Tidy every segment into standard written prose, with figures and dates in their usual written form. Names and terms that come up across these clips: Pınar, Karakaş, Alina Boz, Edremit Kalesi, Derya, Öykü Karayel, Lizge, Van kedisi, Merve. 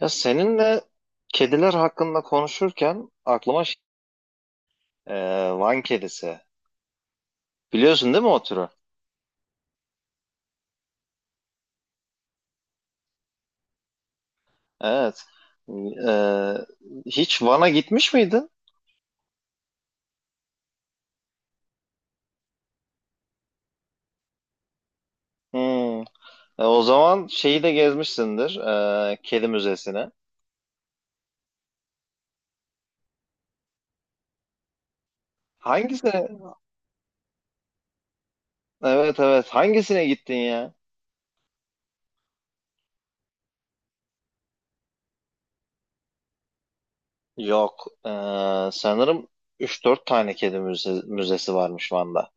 Ya seninle kediler hakkında konuşurken aklıma e, Van kedisi. Biliyorsun değil mi o türü? Evet. E, Hiç Van'a gitmiş miydin? Hmm. O zaman şeyi de gezmişsindir. Kedi müzesine. Hangisine? Evet evet. Hangisine gittin ya? Yok. Sanırım üç dört tane kedi müzesi varmış Van'da.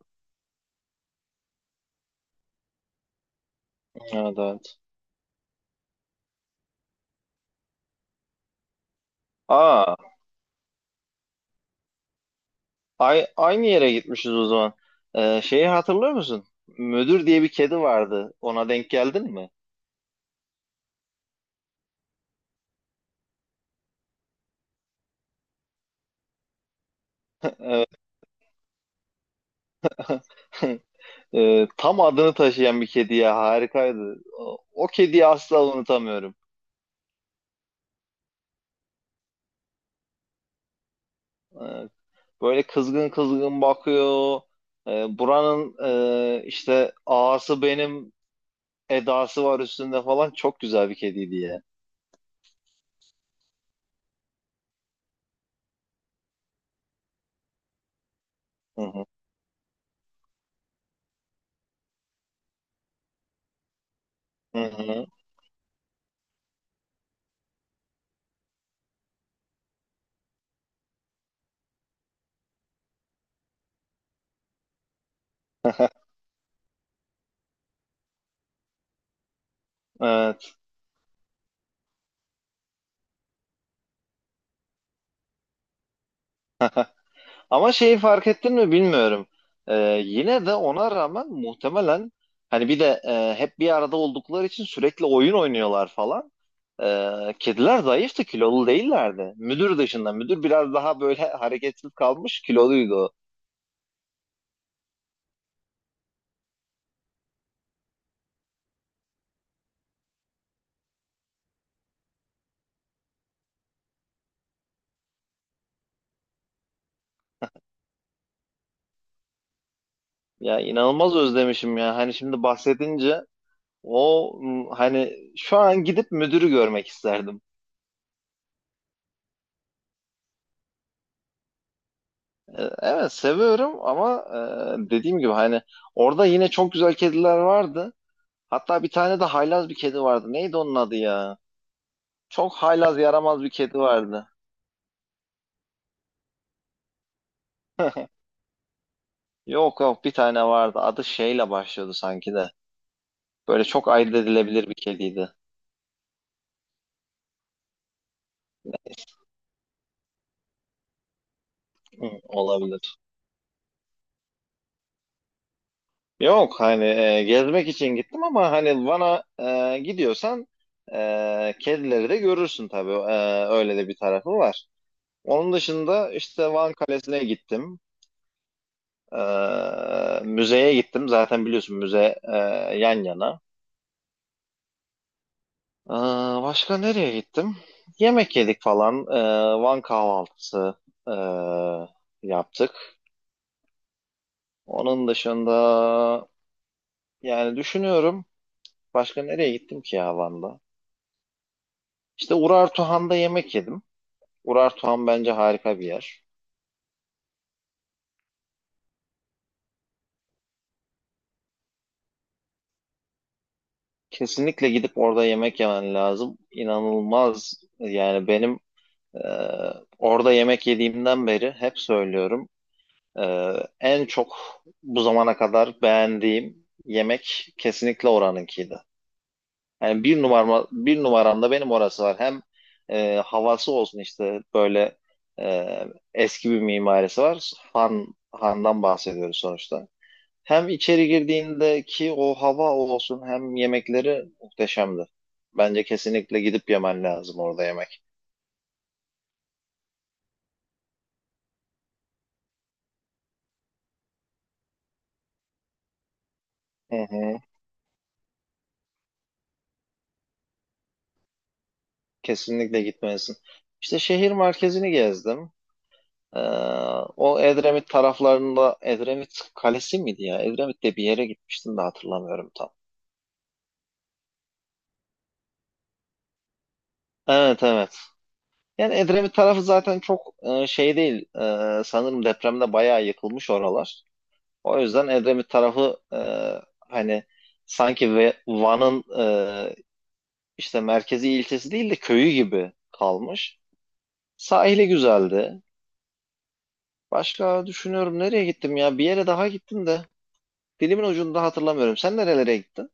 Evet evet. Aa, aynı yere gitmişiz o zaman. Şeyi hatırlıyor musun? Müdür diye bir kedi vardı. Ona denk geldin mi? Evet. Tam adını taşıyan bir kedi ya harikaydı. O kediyi asla unutamıyorum. Ee, Böyle kızgın kızgın bakıyor. Buranın işte ağası benim edası var üstünde falan çok güzel bir kediydi ya. Hı hı. Hı hı. Evet. Ama şeyi fark ettin mi bilmiyorum. Ee, Yine de ona rağmen muhtemelen hani bir de hep bir arada oldukları için sürekli oyun oynuyorlar falan. Kediler zayıftı, kilolu değillerdi. Müdür dışında. Müdür biraz daha böyle hareketsiz kalmış, kiloluydu o. Ya inanılmaz özlemişim ya. Hani şimdi bahsedince hani şu an gidip müdürü görmek isterdim. Evet seviyorum ama dediğim gibi hani orada yine çok güzel kediler vardı. Hatta bir tane de haylaz bir kedi vardı. Neydi onun adı ya? Çok haylaz yaramaz bir kedi vardı. Yok yok, bir tane vardı. Adı şeyle başlıyordu sanki de. Böyle çok ayırt edilebilir bir kediydi. Hı, olabilir. Yok hani gezmek için gittim ama hani Van'a gidiyorsan kedileri de görürsün tabii. Öyle de bir tarafı var. Onun dışında işte Van Kalesi'ne gittim. E, Müzeye gittim. Zaten biliyorsun müze yan yana. Ee, Başka nereye gittim? Yemek yedik falan. Van kahvaltısı ee, yaptık. Onun dışında yani düşünüyorum başka nereye gittim ki ya Van'da? İşte Urartuhan'da yemek yedim. Urartuhan bence harika bir yer. Kesinlikle gidip orada yemek yemen lazım. İnanılmaz yani, benim ee, orada yemek yediğimden beri hep söylüyorum. Ee, En çok bu zamana kadar beğendiğim yemek kesinlikle oranınkiydi. Yani bir numarama, bir numaramda benim orası var. Hem havası olsun, işte böyle e, eski bir mimarisi var. Han'dan bahsediyoruz sonuçta. Hem içeri girdiğindeki o hava olsun, hem yemekleri muhteşemdi. Bence kesinlikle gidip yemen lazım orada yemek. Hı hı, kesinlikle gitmelisin. İşte şehir merkezini gezdim. Ee, O Edremit taraflarında Edremit Kalesi miydi ya? Edremit'te bir yere gitmiştim de hatırlamıyorum tam. Evet evet. Yani Edremit tarafı zaten çok şey değil. Sanırım depremde bayağı yıkılmış oralar. O yüzden Edremit tarafı hani sanki Van'ın e, işte merkezi ilçesi değil de köyü gibi kalmış. Sahili güzeldi. Başka düşünüyorum, nereye gittim ya? Bir yere daha gittim de. Dilimin ucunda, hatırlamıyorum. Sen nerelere gittin?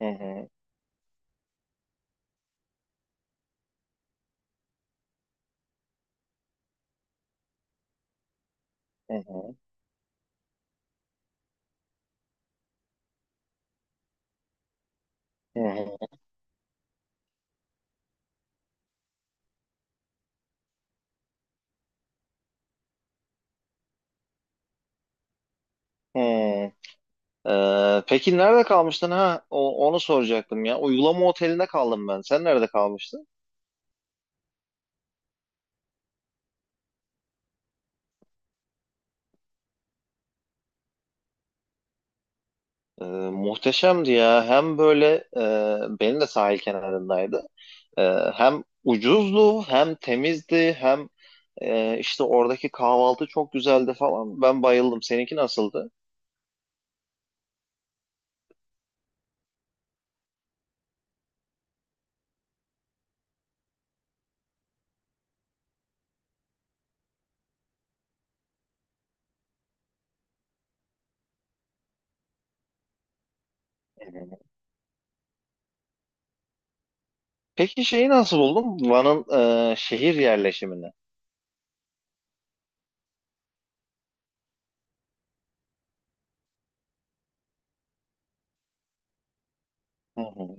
Hı hı, hı hı, hı hı, hı. Peki nerede kalmıştın, ha? Onu soracaktım ya. Uygulama otelinde kaldım ben. Sen nerede kalmıştın? Ee, Muhteşemdi ya. Hem böyle benim de sahil kenarındaydı. Ee, Hem ucuzdu, hem temizdi, hem işte oradaki kahvaltı çok güzeldi falan. Ben bayıldım. Seninki nasıldı? Hı. Peki şeyi nasıl buldun? Van'ın şehir yerleşimini. Hı hı.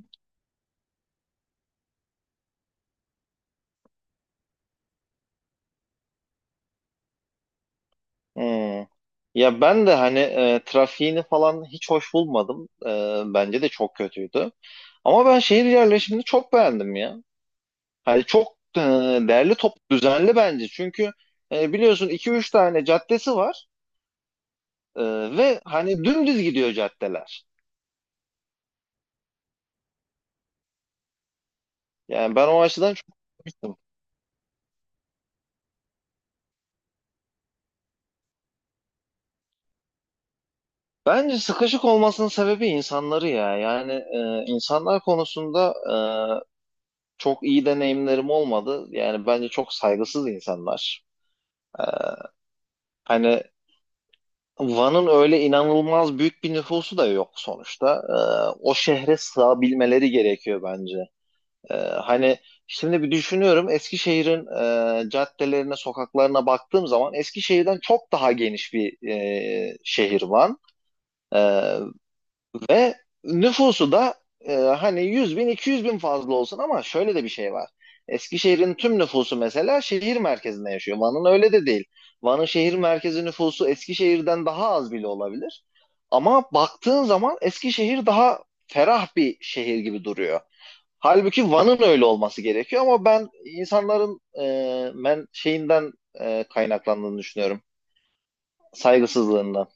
Hmm. Ya ben de hani trafiğini falan hiç hoş bulmadım. Bence de çok kötüydü. Ama ben şehir yerleşimini çok beğendim ya. Hani çok değerli, top düzenli bence. Çünkü biliyorsun, iki üç tane caddesi var. Ee, Ve hani dümdüz gidiyor caddeler. Yani ben o açıdan çok sıkıştım. Bence sıkışık olmasının sebebi insanları ya. Yani insanlar konusunda çok iyi deneyimlerim olmadı. Yani bence çok saygısız insanlar. Hani Van'ın öyle inanılmaz büyük bir nüfusu da yok sonuçta. O şehre sığabilmeleri gerekiyor bence. Hani şimdi bir düşünüyorum, Eskişehir'in caddelerine, sokaklarına baktığım zaman Eskişehir'den çok daha geniş bir şehir var. Ee, Ve nüfusu da hani 100 bin, 200 bin fazla olsun, ama şöyle de bir şey var. Eskişehir'in tüm nüfusu mesela şehir merkezinde yaşıyor. Van'ın öyle de değil. Van'ın şehir merkezi nüfusu Eskişehir'den daha az bile olabilir. Ama baktığın zaman Eskişehir daha ferah bir şehir gibi duruyor. Halbuki Van'ın öyle olması gerekiyor, ama ben insanların men şeyinden kaynaklandığını düşünüyorum. Saygısızlığından.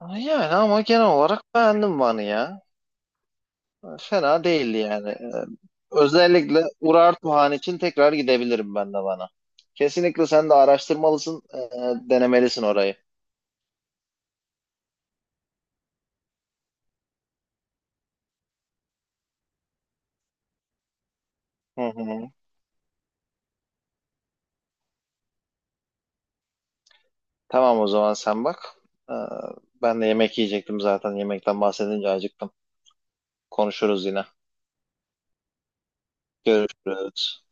Yani ama genel olarak beğendim Van'ı ya. Fena değildi yani. Özellikle Urartuhan için tekrar gidebilirim ben de Van'a. Kesinlikle sen de araştırmalısın, denemelisin orayı. Hı hı. Tamam, o zaman sen bak. E, Ben de yemek yiyecektim zaten. Yemekten bahsedince acıktım. Konuşuruz yine. Görüşürüz.